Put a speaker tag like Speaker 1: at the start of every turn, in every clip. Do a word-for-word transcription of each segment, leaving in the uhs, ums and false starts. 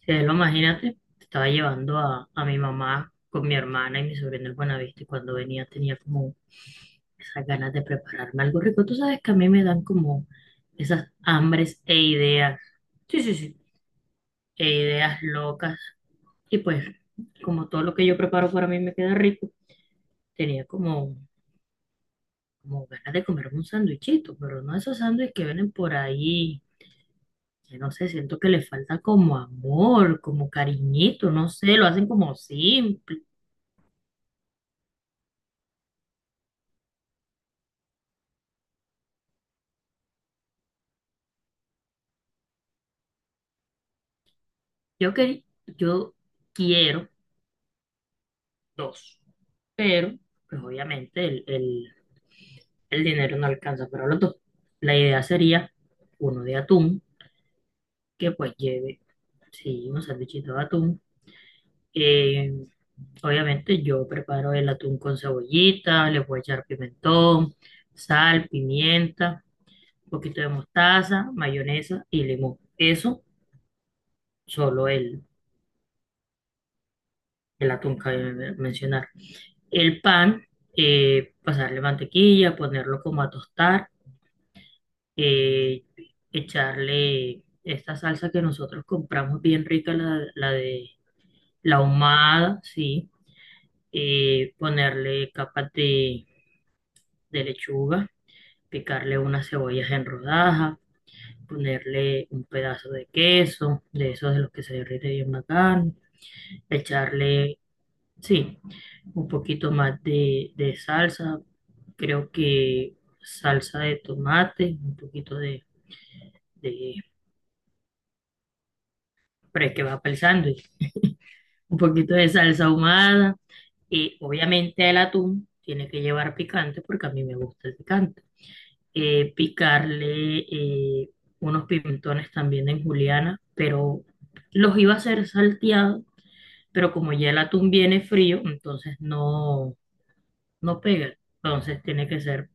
Speaker 1: Sí, lo imagínate, estaba llevando a, a mi mamá con mi hermana y mi sobrino el Buenavista y cuando venía tenía como esas ganas de prepararme algo rico. Tú sabes que a mí me dan como esas hambres e ideas, sí, sí, sí, e ideas locas. Y pues como todo lo que yo preparo para mí me queda rico, tenía como, como ganas de comerme un sándwichito, pero no esos sándwiches que vienen por ahí. Que No sé, siento que le falta como amor, como cariñito, no sé, lo hacen como simple. Yo, quer- yo quiero dos, pero pues obviamente el, el- el dinero no alcanza para los dos. La idea sería uno de atún, que pues lleve, sí, un sandwichito de atún. Eh, obviamente yo preparo el atún con cebollita, le voy a echar pimentón, sal, pimienta, un poquito de mostaza, mayonesa y limón. Eso, solo el, el atún que acabo de mencionar. El pan, eh, pasarle mantequilla, ponerlo como a tostar, eh, echarle esta salsa que nosotros compramos bien rica, la, la de la ahumada, sí, eh, ponerle capas de, de lechuga, picarle unas cebollas en rodajas, ponerle un pedazo de queso, de esos de los que se derrite bien bacán, echarle sí, un poquito más de, de salsa, creo que salsa de tomate, un poquito de, de, pero es que va para el sándwich, un poquito de salsa ahumada y obviamente el atún tiene que llevar picante porque a mí me gusta el picante. Eh, picarle eh, unos pimentones también en juliana, pero los iba a hacer salteados, pero como ya el atún viene frío, entonces no, no pega, entonces tiene que ser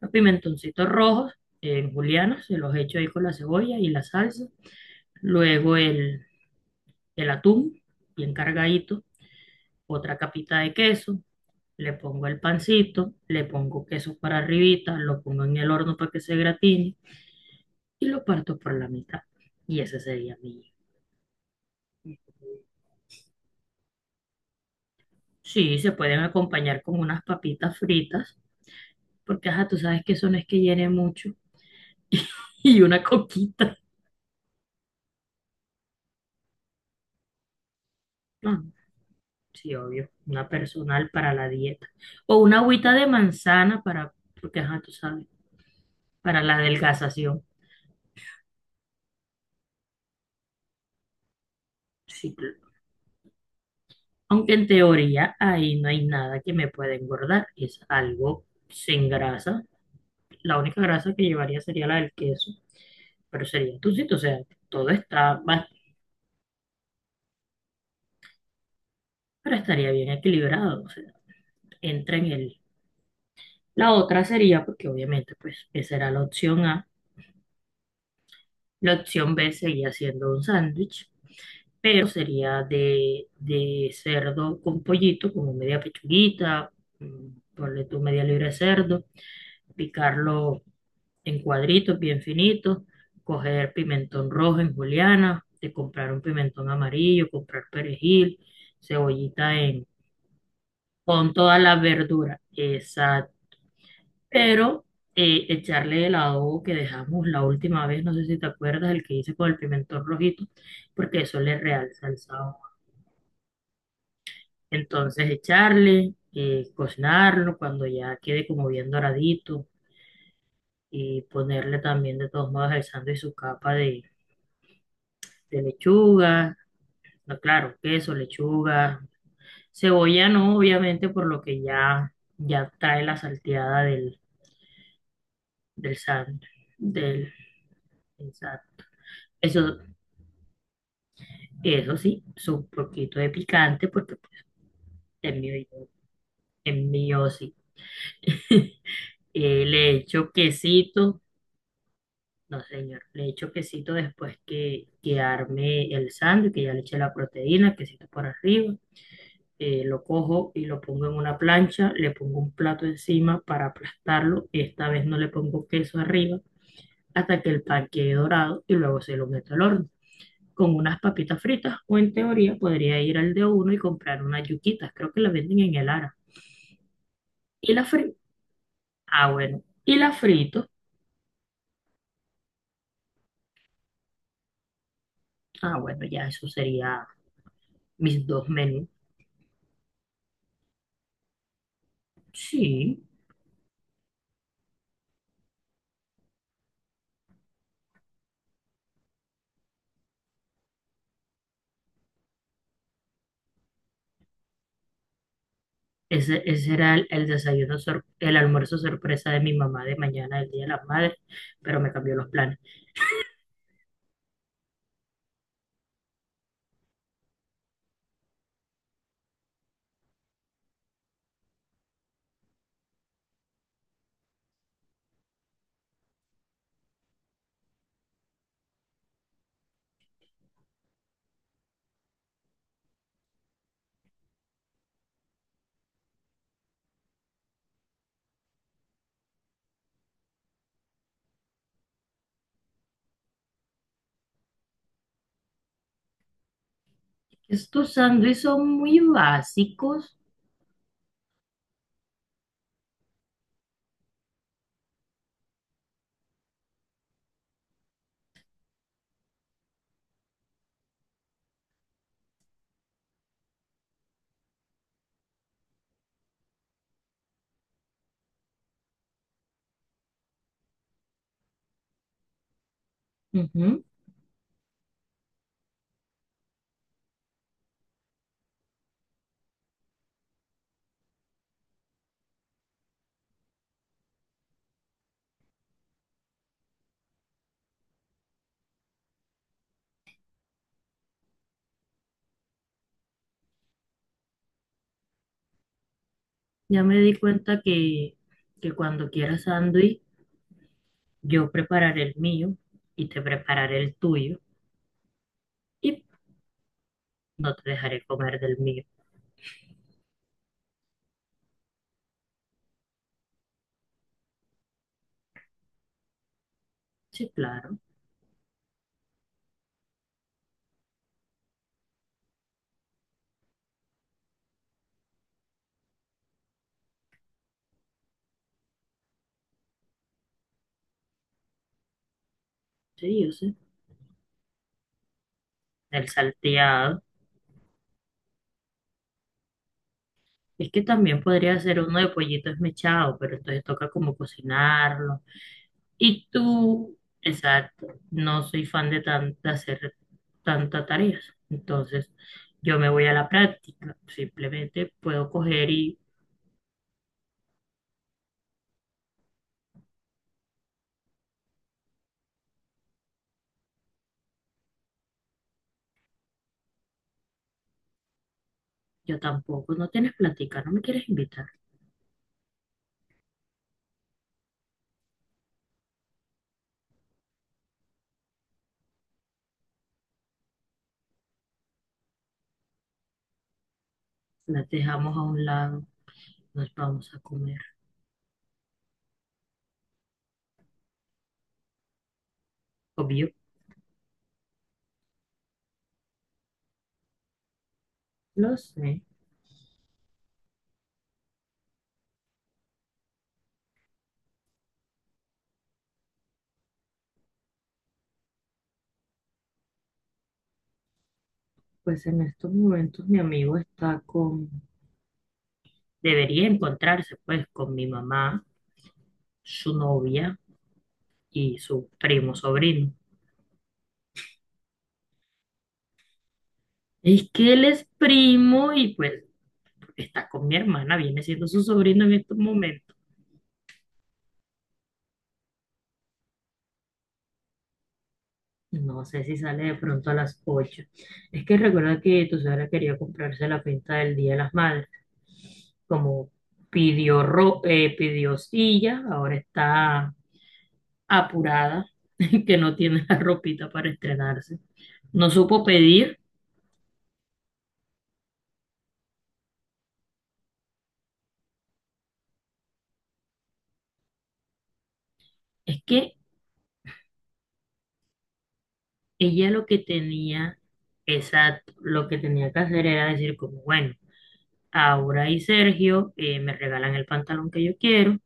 Speaker 1: Los pimentoncitos rojos en juliana, se los echo ahí con la cebolla y la salsa. Luego el, el atún, bien cargadito. Otra capita de queso. Le pongo el pancito, le pongo queso para arribita, lo pongo en el horno para que se gratine y lo parto por la mitad. Y ese sería mi. Sí, se pueden acompañar con unas papitas fritas, porque ajá, tú sabes que eso no es que llene mucho. Y una coquita. No, sí, obvio, una personal para la dieta. O una agüita de manzana para, porque ajá, tú sabes, para la adelgazación. Sí, claro. Aunque en teoría ahí no hay nada que me pueda engordar, es algo sin grasa. La única grasa que llevaría sería la del queso, pero sería tucito, o sea, todo está, ba- pero estaría bien equilibrado, o sea, entra en el... La otra sería, porque obviamente, pues, esa era la opción A. La opción be seguía siendo un sándwich, pero sería de, de cerdo con pollito, como media pechuguita, mm, ponle tú media libra de cerdo, picarlo en cuadritos bien finitos, coger pimentón rojo en juliana, de comprar un pimentón amarillo, comprar perejil, cebollita en, con todas las verduras, exacto, pero eh, echarle el adobo que dejamos la última vez, no sé si te acuerdas, el que hice con el pimentón rojito, porque eso le realza el sabor. Entonces echarle, eh, cocinarlo cuando ya quede como bien doradito y ponerle también de todos modos el sándwich su capa de, de lechuga, no, claro, queso, lechuga, cebolla no, obviamente por lo que ya, ya trae la salteada del, del sándwich, del, del sándwich. Eso, eso sí, su poquito de picante porque es mío, es mío sí. Eh, le echo quesito. No, señor. Le echo quesito después que, que arme el sándwich, que ya le eché la proteína, quesito por arriba. Eh, lo cojo y lo pongo en una plancha, le pongo un plato encima para aplastarlo. Esta vez no le pongo queso arriba hasta que el pan quede dorado y luego se lo meto al horno. Con unas papitas fritas, o en teoría podría ir al de uno y comprar unas yuquitas. Creo que las venden en el Ara. Y las frito. Ah, bueno. Y las frito. Ah, bueno, ya eso sería mis dos menús. Sí. Ese, ese era el, el desayuno, sor- el almuerzo sorpresa de mi mamá de mañana, el Día de las Madres, pero me cambió los planes. Estos sándwiches son muy básicos. Ujú. Ya me di cuenta que, que cuando quieras sándwich, yo prepararé el mío y te prepararé el tuyo y no te dejaré comer del mío. Sí, claro, sí, yo sé. El salteado. Es que también podría ser uno de pollito esmechado, pero entonces toca como cocinarlo. Y tú, exacto, no soy fan de, tan- de hacer tantas tareas. Entonces, yo me voy a la práctica. Simplemente puedo coger y yo tampoco. No tienes plática, no me quieres invitar. Las dejamos a un lado, nos vamos a comer. Obvio, lo sé. Pues en estos momentos mi amigo está con... Debería encontrarse pues con mi mamá, su novia y su primo sobrino. Es que él es primo y pues porque está con mi hermana, viene siendo su sobrino en estos momentos. No sé si sale de pronto a las ocho. Es que recuerda que tu suegra quería comprarse la pinta del Día de las Madres. Como pidió, ro eh, pidió silla, ahora está apurada, que no tiene la ropita para estrenarse. No supo pedir. Es que ella lo que tenía, exacto, lo que tenía que hacer era decir como, bueno, Aura y Sergio eh, me regalan el pantalón que yo quiero.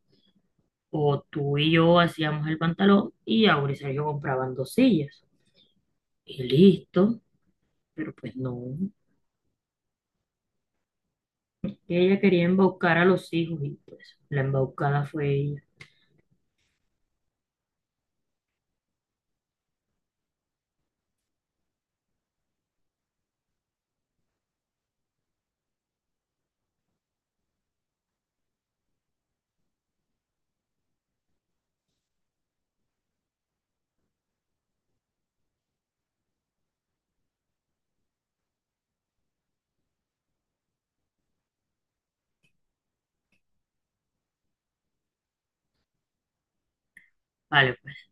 Speaker 1: O tú y yo hacíamos el pantalón y Aura y Sergio compraban dos sillas. Y listo, pero pues no. Ella quería embaucar a los hijos y pues la embaucada fue ella. Vale, pues